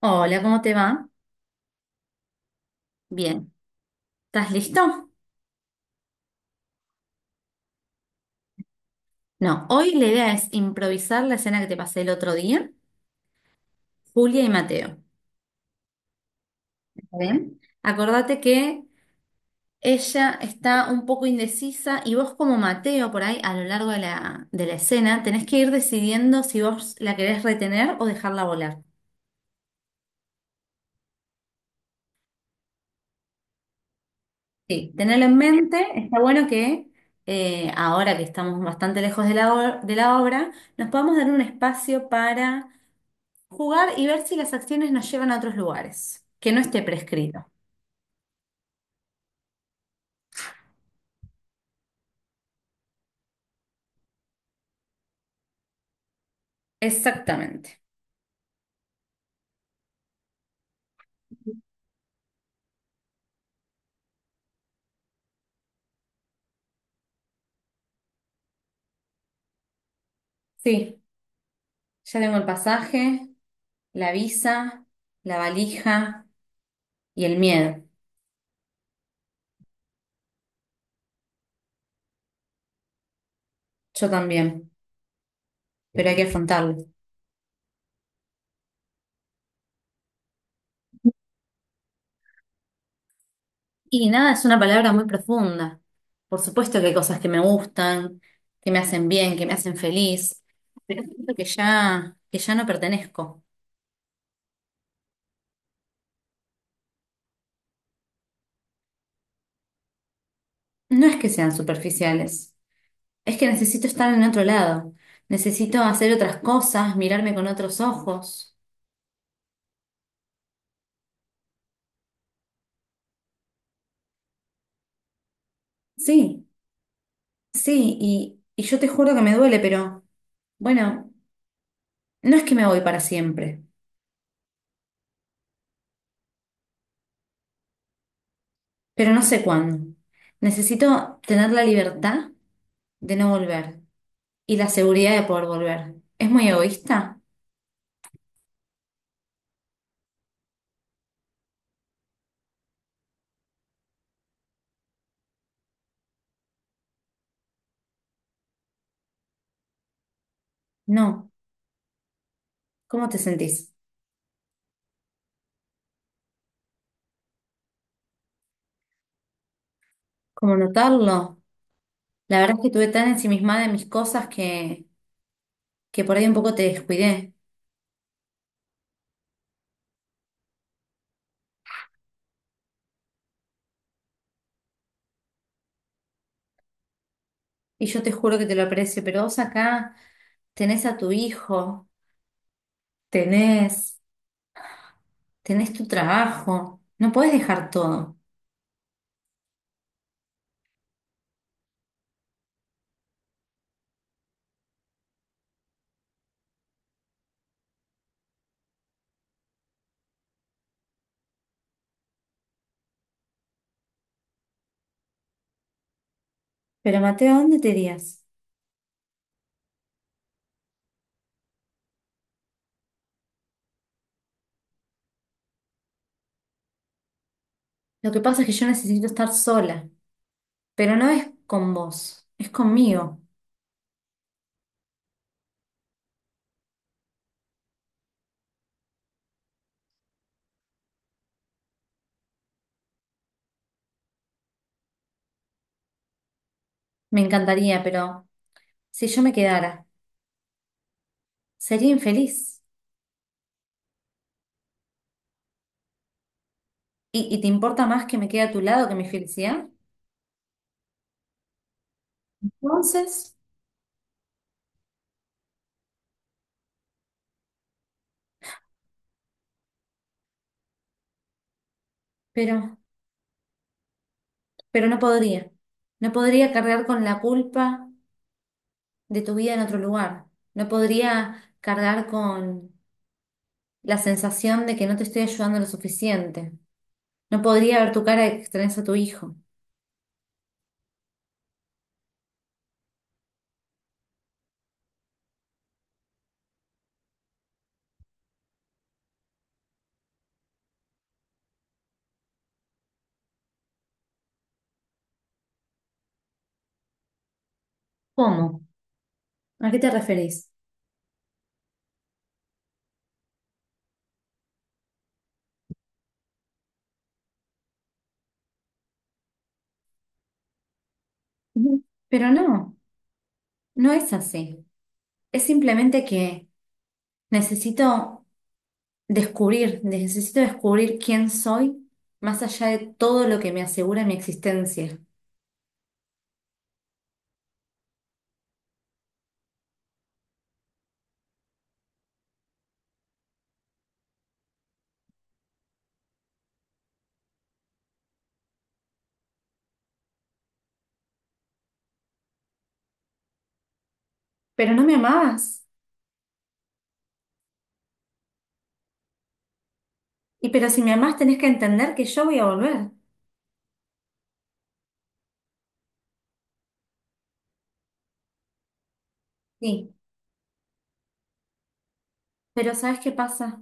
Hola, ¿cómo te va? Bien, ¿estás listo? No, hoy la idea es improvisar la escena que te pasé el otro día, Julia y Mateo. ¿Bien? Acordate que ella está un poco indecisa y vos como Mateo por ahí a lo largo de la escena tenés que ir decidiendo si vos la querés retener o dejarla volar. Sí, tenerlo en mente, está bueno que ahora que estamos bastante lejos de la obra, nos podamos dar un espacio para jugar y ver si las acciones nos llevan a otros lugares, que no esté prescrito. Exactamente. Sí, ya tengo el pasaje, la visa, la valija y el miedo. Yo también, pero hay que afrontarlo. Y nada, es una palabra muy profunda. Por supuesto que hay cosas que me gustan, que me hacen bien, que me hacen feliz, pero siento que ya no pertenezco. No es que sean superficiales, es que necesito estar en otro lado, necesito hacer otras cosas, mirarme con otros ojos. Sí, sí, y yo te juro que me duele, pero bueno, no es que me voy para siempre, pero no sé cuándo. Necesito tener la libertad de no volver y la seguridad de poder volver. ¿Es muy egoísta? No. ¿Cómo te sentís? ¿Cómo notarlo? La verdad es que estuve tan ensimismada en mis cosas que por ahí un poco te descuidé. Y yo te juro que te lo aprecio, pero vos acá tenés a tu hijo, tenés, tenés tu trabajo, no podés dejar todo. Pero Mateo, ¿a dónde te irías? Lo que pasa es que yo necesito estar sola, pero no es con vos, es conmigo. Me encantaría, pero si yo me quedara, sería infeliz. ¿Y te importa más que me quede a tu lado que mi felicidad? Entonces, pero, pero no podría. No podría cargar con la culpa de tu vida en otro lugar. No podría cargar con la sensación de que no te estoy ayudando lo suficiente. No podría ver tu cara de que extrañas a tu hijo. ¿Cómo? ¿A qué te referís? Ujú. Pero no, no es así. Es simplemente que necesito necesito descubrir quién soy más allá de todo lo que me asegura mi existencia. Pero no me amabas. Y pero si me amás tenés que entender que yo voy a volver. Sí, pero ¿sabes qué pasa?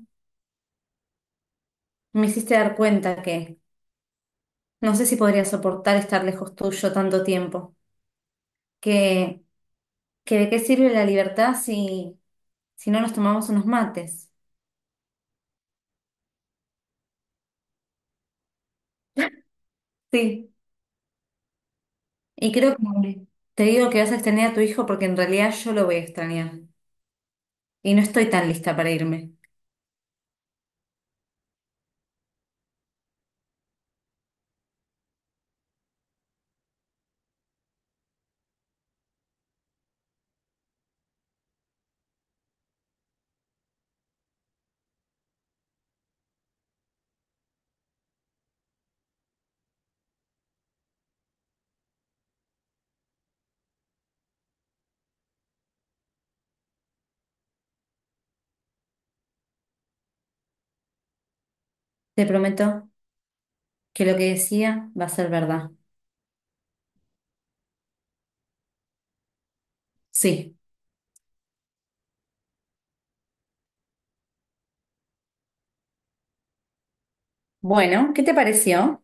Me hiciste dar cuenta que no sé si podría soportar estar lejos tuyo tanto tiempo. que, que de qué sirve la libertad si no nos tomamos unos mates. Sí, y creo que te digo que vas a extrañar a tu hijo porque en realidad yo lo voy a extrañar y no estoy tan lista para irme. Te prometo que lo que decía va a ser verdad. Sí. Bueno, ¿qué te pareció?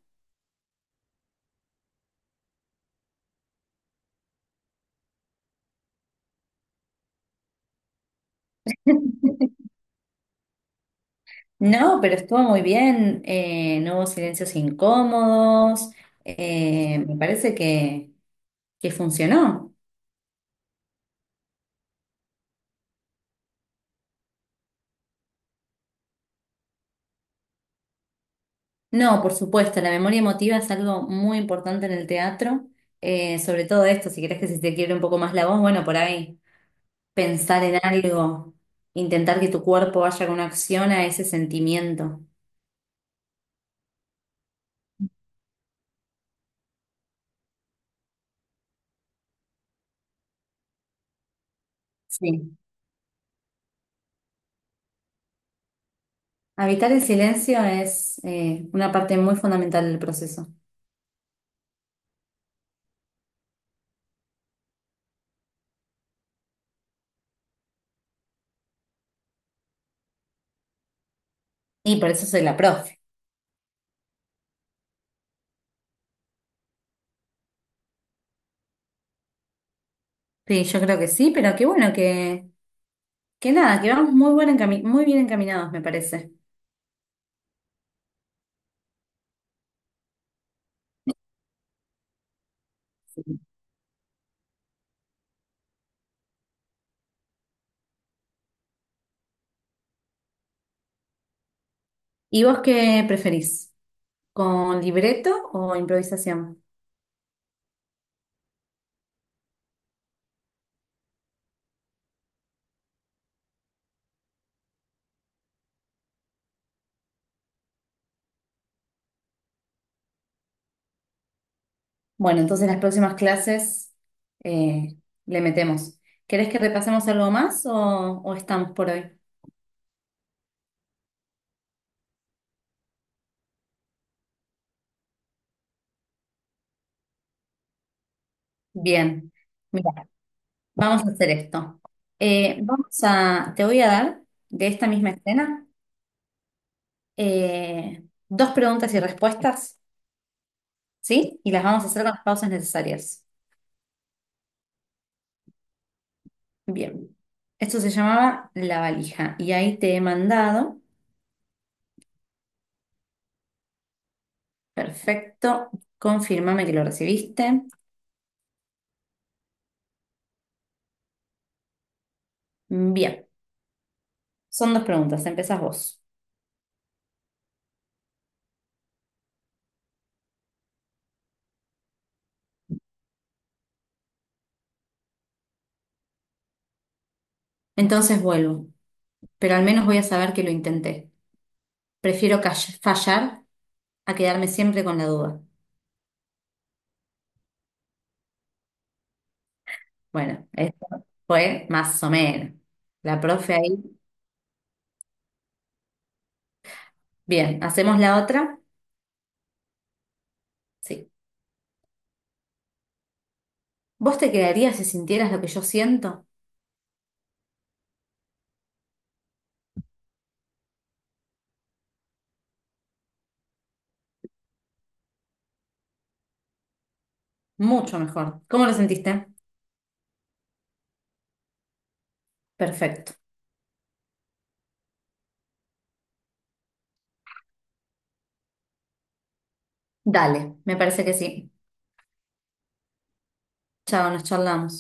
No, pero estuvo muy bien. No hubo silencios incómodos. Me parece que funcionó. No, por supuesto, la memoria emotiva es algo muy importante en el teatro, sobre todo esto, si querés que se te quiebre un poco más la voz, bueno, por ahí pensar en algo, intentar que tu cuerpo vaya con una acción a ese sentimiento. Sí. Habitar el silencio es una parte muy fundamental del proceso. Y por eso soy la profe. Sí, yo creo que sí, pero qué bueno que nada, que vamos muy muy bien encaminados, me parece. Sí. ¿Y vos qué preferís? ¿Con libreto o improvisación? Bueno, entonces en las próximas clases eh, le metemos. ¿Querés que repasemos algo más o estamos por hoy? Bien, mira, vamos a hacer esto. Te voy a dar de esta misma escena eh, dos preguntas y respuestas, ¿sí? Y las vamos a hacer con las pausas necesarias. Bien, esto se llamaba la valija y ahí te he mandado. Perfecto, confírmame que lo recibiste. Bien, son dos preguntas, empezás vos. Entonces vuelvo, pero al menos voy a saber que lo intenté. Prefiero fallar a quedarme siempre con la duda. Bueno, esto fue más o menos. La profe ahí. Bien, ¿hacemos la otra? Sí. ¿Vos te quedarías si sintieras lo que yo siento? Mucho mejor. ¿Cómo lo sentiste? Perfecto. Dale, me parece que sí. Chao, nos charlamos.